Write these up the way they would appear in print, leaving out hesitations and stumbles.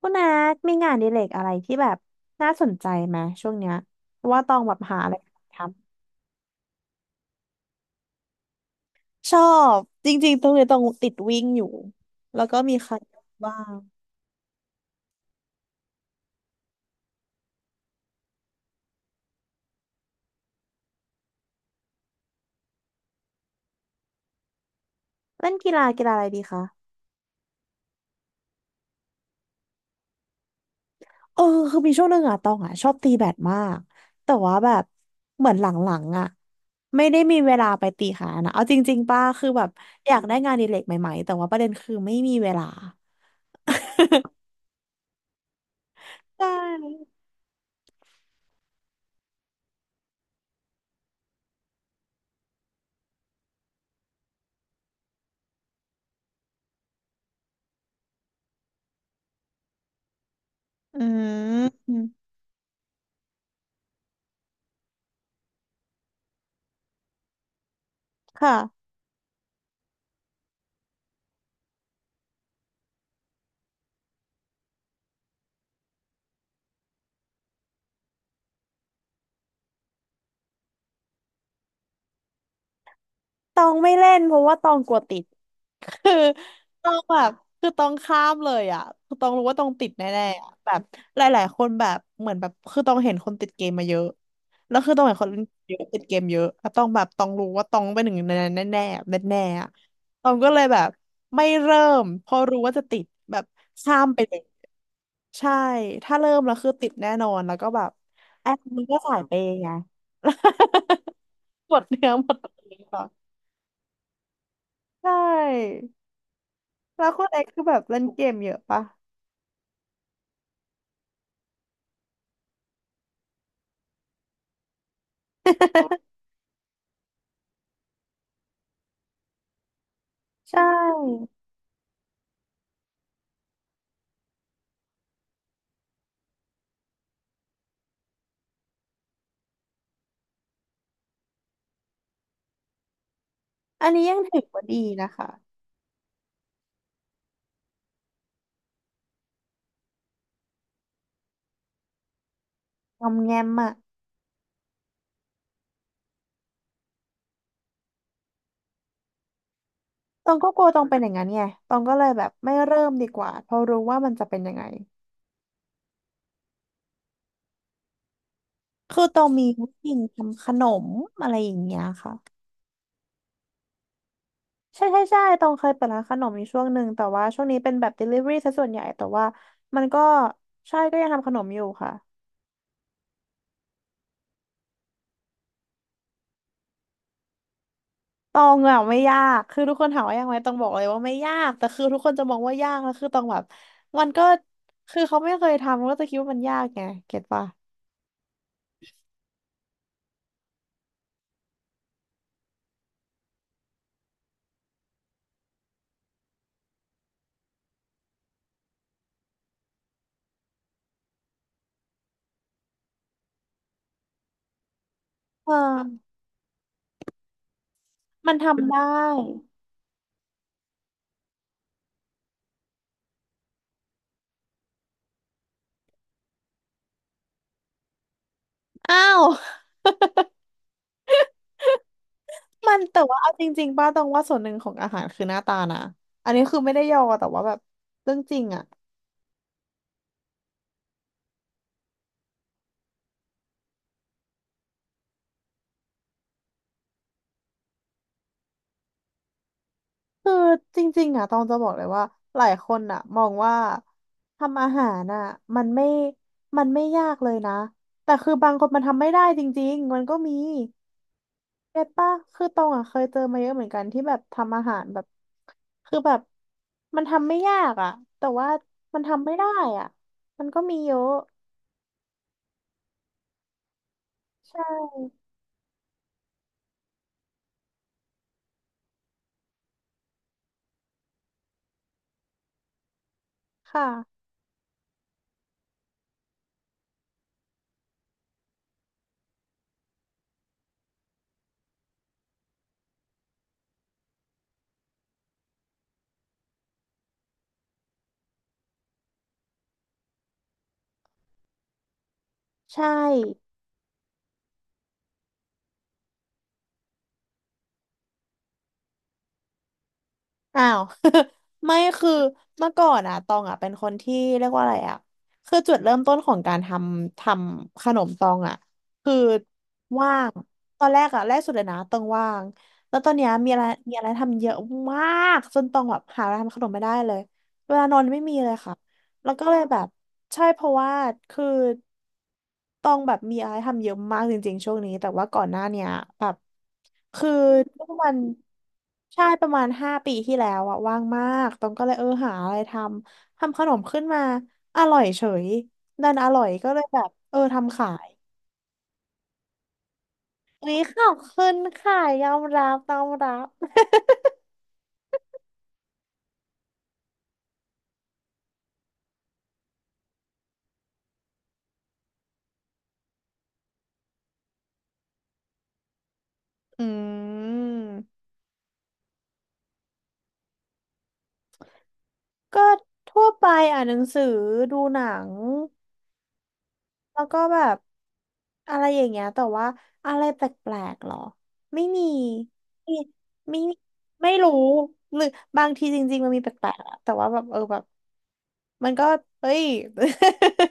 คุณนัทมีงานอดิเรกอะไรที่แบบน่าสนใจไหมช่วงเนี้ยเพราะว่าตองแบบหาอะไรทำชอบจริงๆตรงนี้ต้องติดวิ่งอยู่แล้วก็มีคาร์ดิโอบ้างเล่นกีฬากีฬาอะไรดีคะเออคือมีช่วงหนึ่งอะตองอะชอบตีแบดมากแต่ว่าแบบเหมือนหลังๆอะไม่ได้มีเวลาไปตีขานะเอาจริงๆป้าคือแบบอยากได้งานอดิเรกใหม่ๆแต่ว่าประเด็นคือไม่มีเวลาใช่อืมค่ะ ตองไม่เล่นเพราะว่าตองกลัวติด คือตองแบบคือตองข้ามเลยอ่ะคือตองรู้ว่าตองติดแน่ๆอะแบบหลายๆคนแบบเหมือนแบบคือตองเห็นคนติดเกมมาเยอะ แล้วคือตองเห็นคนเล่นเยอะติดเกมเยอะแล้วตองแบบตองรู้ว่าตองเป็นหนึ่งในนั้นแน่ๆแน่ๆอะตองก็เลยแบบไม่เริ่มเพราะรู้ว่าจะติดแบบข้ามไปเลยใช่ถ้าเริ่มแล้วคือติดแน่นอนแล้วก็แบบแอปมันก็สายเปย์ไง หมดเนื้อหมดตัวเองก่อนใช่ แล้วคุณเอ็กซ์คือแบบเล่นเกมเยอะปะใช่อันนี้ยังถือว่าดีนะคะงอมแงมอะตองก็กลัวตองเป็นอย่างนั้นไงตองก็เลยแบบไม่เริ่มดีกว่าเพราะรู้ว่ามันจะเป็นยังไงคือตองมีวิธีทำขนมอะไรอย่างเงี้ยค่ะใช่ใช่ใช่ตองเคยเปิดร้านขนมอยู่ช่วงหนึ่งแต่ว่าช่วงนี้เป็นแบบ delivery ซะส่วนใหญ่แต่ว่ามันก็ใช่ก็ยังทำขนมอยู่ค่ะ ตองอะไม่ยากคือทุกคนถามว่ายากไหมตองบอกเลยว่าไม่ยากแต่คือทุกคนจะมองว่ายากแล้วคือตองแบบมันก็คือเขาไม่เคยทำก็จะคิดว่ามันยากไงเก็ตปะเออมันทำได้อ้าวมันแต่ว่าเอาจริงๆป้าตองว่าส่วนหนึ่งของอาหารคือหน้าตานะอันนี้คือไม่ได้ยอแต่ว่าแบบเรื่องจริงอะคือจริงๆอ่ะตองจะบอกเลยว่าหลายคนอ่ะมองว่าทำอาหารอ่ะมันไม่มันไม่ยากเลยนะแต่คือบางคนมันทำไม่ได้จริงๆมันก็มี เก็ตปะคือตองอ่ะเคยเจอมาเยอะเหมือนกันที่แบบทำอาหารแบบคือแบบมันทำไม่ยากอ่ะแต่ว่ามันทำไม่ได้อ่ะมันก็มีเยอะใช่ค่ะใช่ อ้าว ไม่คือเมื่อก่อนอะตองอะเป็นคนที่เรียกว่าอะไรอะคือจุดเริ่มต้นของการทำขนมตองอะคือว่างตอนแรกอะแรกสุดเลยนะตองว่างแล้วตอนเนี้ยมีอะไรทำเยอะมากจนตองแบบหาอะไรทำขนมไม่ได้เลยเวลานอนไม่มีเลยค่ะ แล้วก็เลยแบบใช่เพราะว่าคือต้องแบบมีอะไรทำเยอะมากจริงๆช่วงนี้แต่ว่าก่อนหน้าเนี้ยแบบคือประมาณใช่ประมาณ5 ปีที่แล้วอะว่างมากต้องก็เลยเออหาอะไรทำขนมขึ้นมาอร่อยเฉยดันอร่อยก็เลยแบบเออทำขายวันนี้ขอบคุณค่ะยอมรับยอมรับอืมก็ทั่วไปอ่านหนังสือดูหนัง แล้วก็แบบอะไรอย่างเงี้ยแต่ว่าอะไรแปลกๆหรอไม่มีไม่ไม่ไม่รู้หรือบางทีจริงๆมันมีแปลกๆอะแต่ว่าแบบเออแบบมันก็เฮ้ย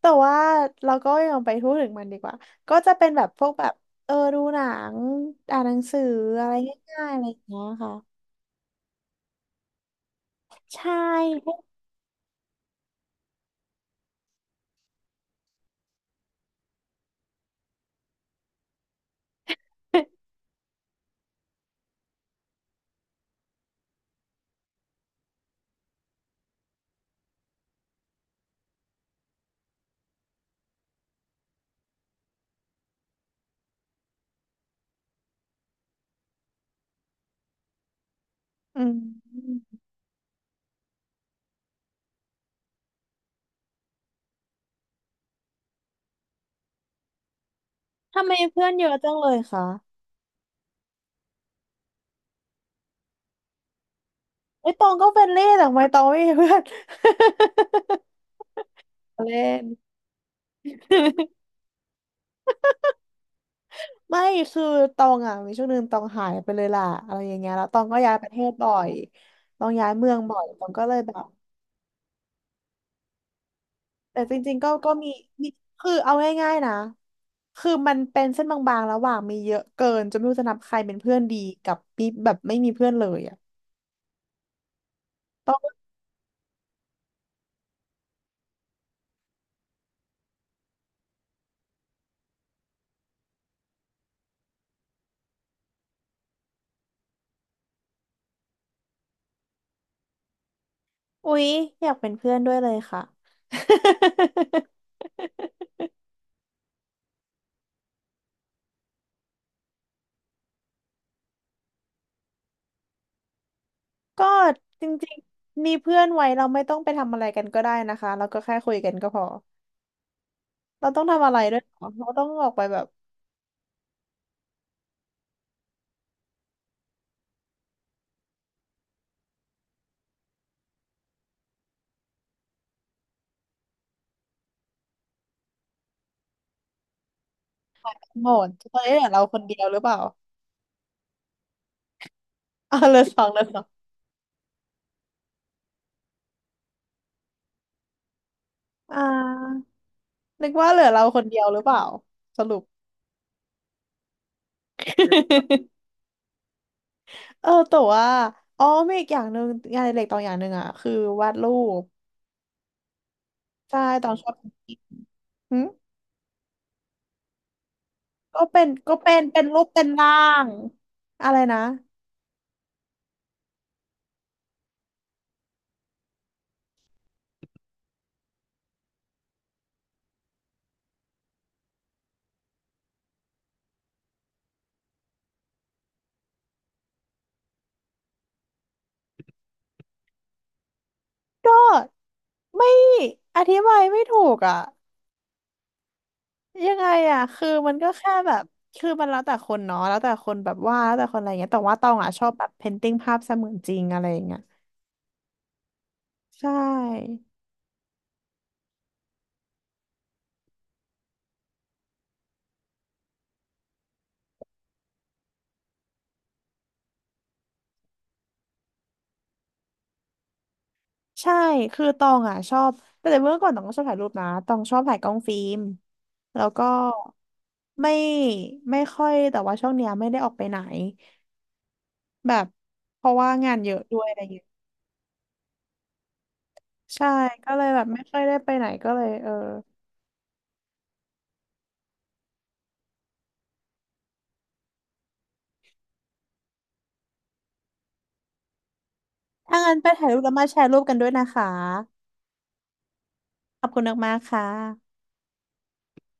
แต่ว่าเราก็ยังไปพูดถึงมันดีกว่าก็จะเป็นแบบพวกแบบเออดูหนังอ่านหนังสืออะไรง่ายๆอะไรอย่างเงี้ยค่ะใช่อืมทำไมเพื่อนเยอะจังเลยคะ ไอ้ยตองก็เป็นเล่แต่ทำไมตองไม่มีเพื่อน เล่น ไม่คือตองอ่ะมีช่วงหนึ่งตองหายไปเลยล่ะอะไรอย่างเงี้ยแล้วตองก็ย้ายประเทศบ่อยตองย้ายเมืองบ่อยตองก็เลยแบบแต่จริงๆก็มีมีคือเอาง่ายๆนะคือมันเป็นเส้นบางๆระหว่างมีเยอะเกินจนไม่รู้จะนับใครเป็นเพื่อนดีกับมีแบบไม่มีเพื่อนเลยอ่ะตองอุ๊ยอยากเป็นเพื่อนด้วยเลยค่ะ ก็จริงๆมีเพื่อนไว้เราไม่ต้องไปทำอะไรกันก็ได้นะคะเราก็แค่คุยกันก็พอเราต้องทำอะไรด้วยเหรอเราต้องออกไปแบบโหมดตอนนี้เหลือเราคนเดียวหรือเปล่าอ่าเหลือสองเหลือสองอ่านึกว่าเหลือเราคนเดียวหรือเปล่าสรุป เออแต่ว่าอ๋อมีอีกอย่างหนึ่งงานอดิเล็กตอนอย่างหนึ่งอ่ะคือวาดรูปใช่ตอนชอบหึก็เป็นเป็นรูปเป็นร่างอะไรนะ ก็ไม่อธิบายไม่ถูกอ่ะยังไงอ่ะคือมันก็แค่แบบคือมันแล้วแต่คนเนาะแล้วแต่คนแบบวาดแล้วแต่คนอะไรเงี้ยแต่ว่าตองอ่ะชอบแบบเพนติ้งภาพเสมือนจริงอะไรอย่างเงี้ยใช่ใช่คือตองอ่ะชอบแต่เมื่อก่อนตองก็ชอบถ่ายรูปนะตองชอบถ่ายกล้องฟิล์มแล้วก็ไม่ไม่ค่อยแต่ว่าช่วงเนี้ยไม่ได้ออกไปไหนแบบเพราะว่างานเยอะด้วยอะไรอย่างเงี้ยใช่ก็เลยแบบไม่ค่อยได้ไปไหนก็เลยเออ ถ้างั้นไปถ่ายรูปแล้วมาแชร์รูปกันด้วยนะคะ ขอบคุณมากๆค่ะ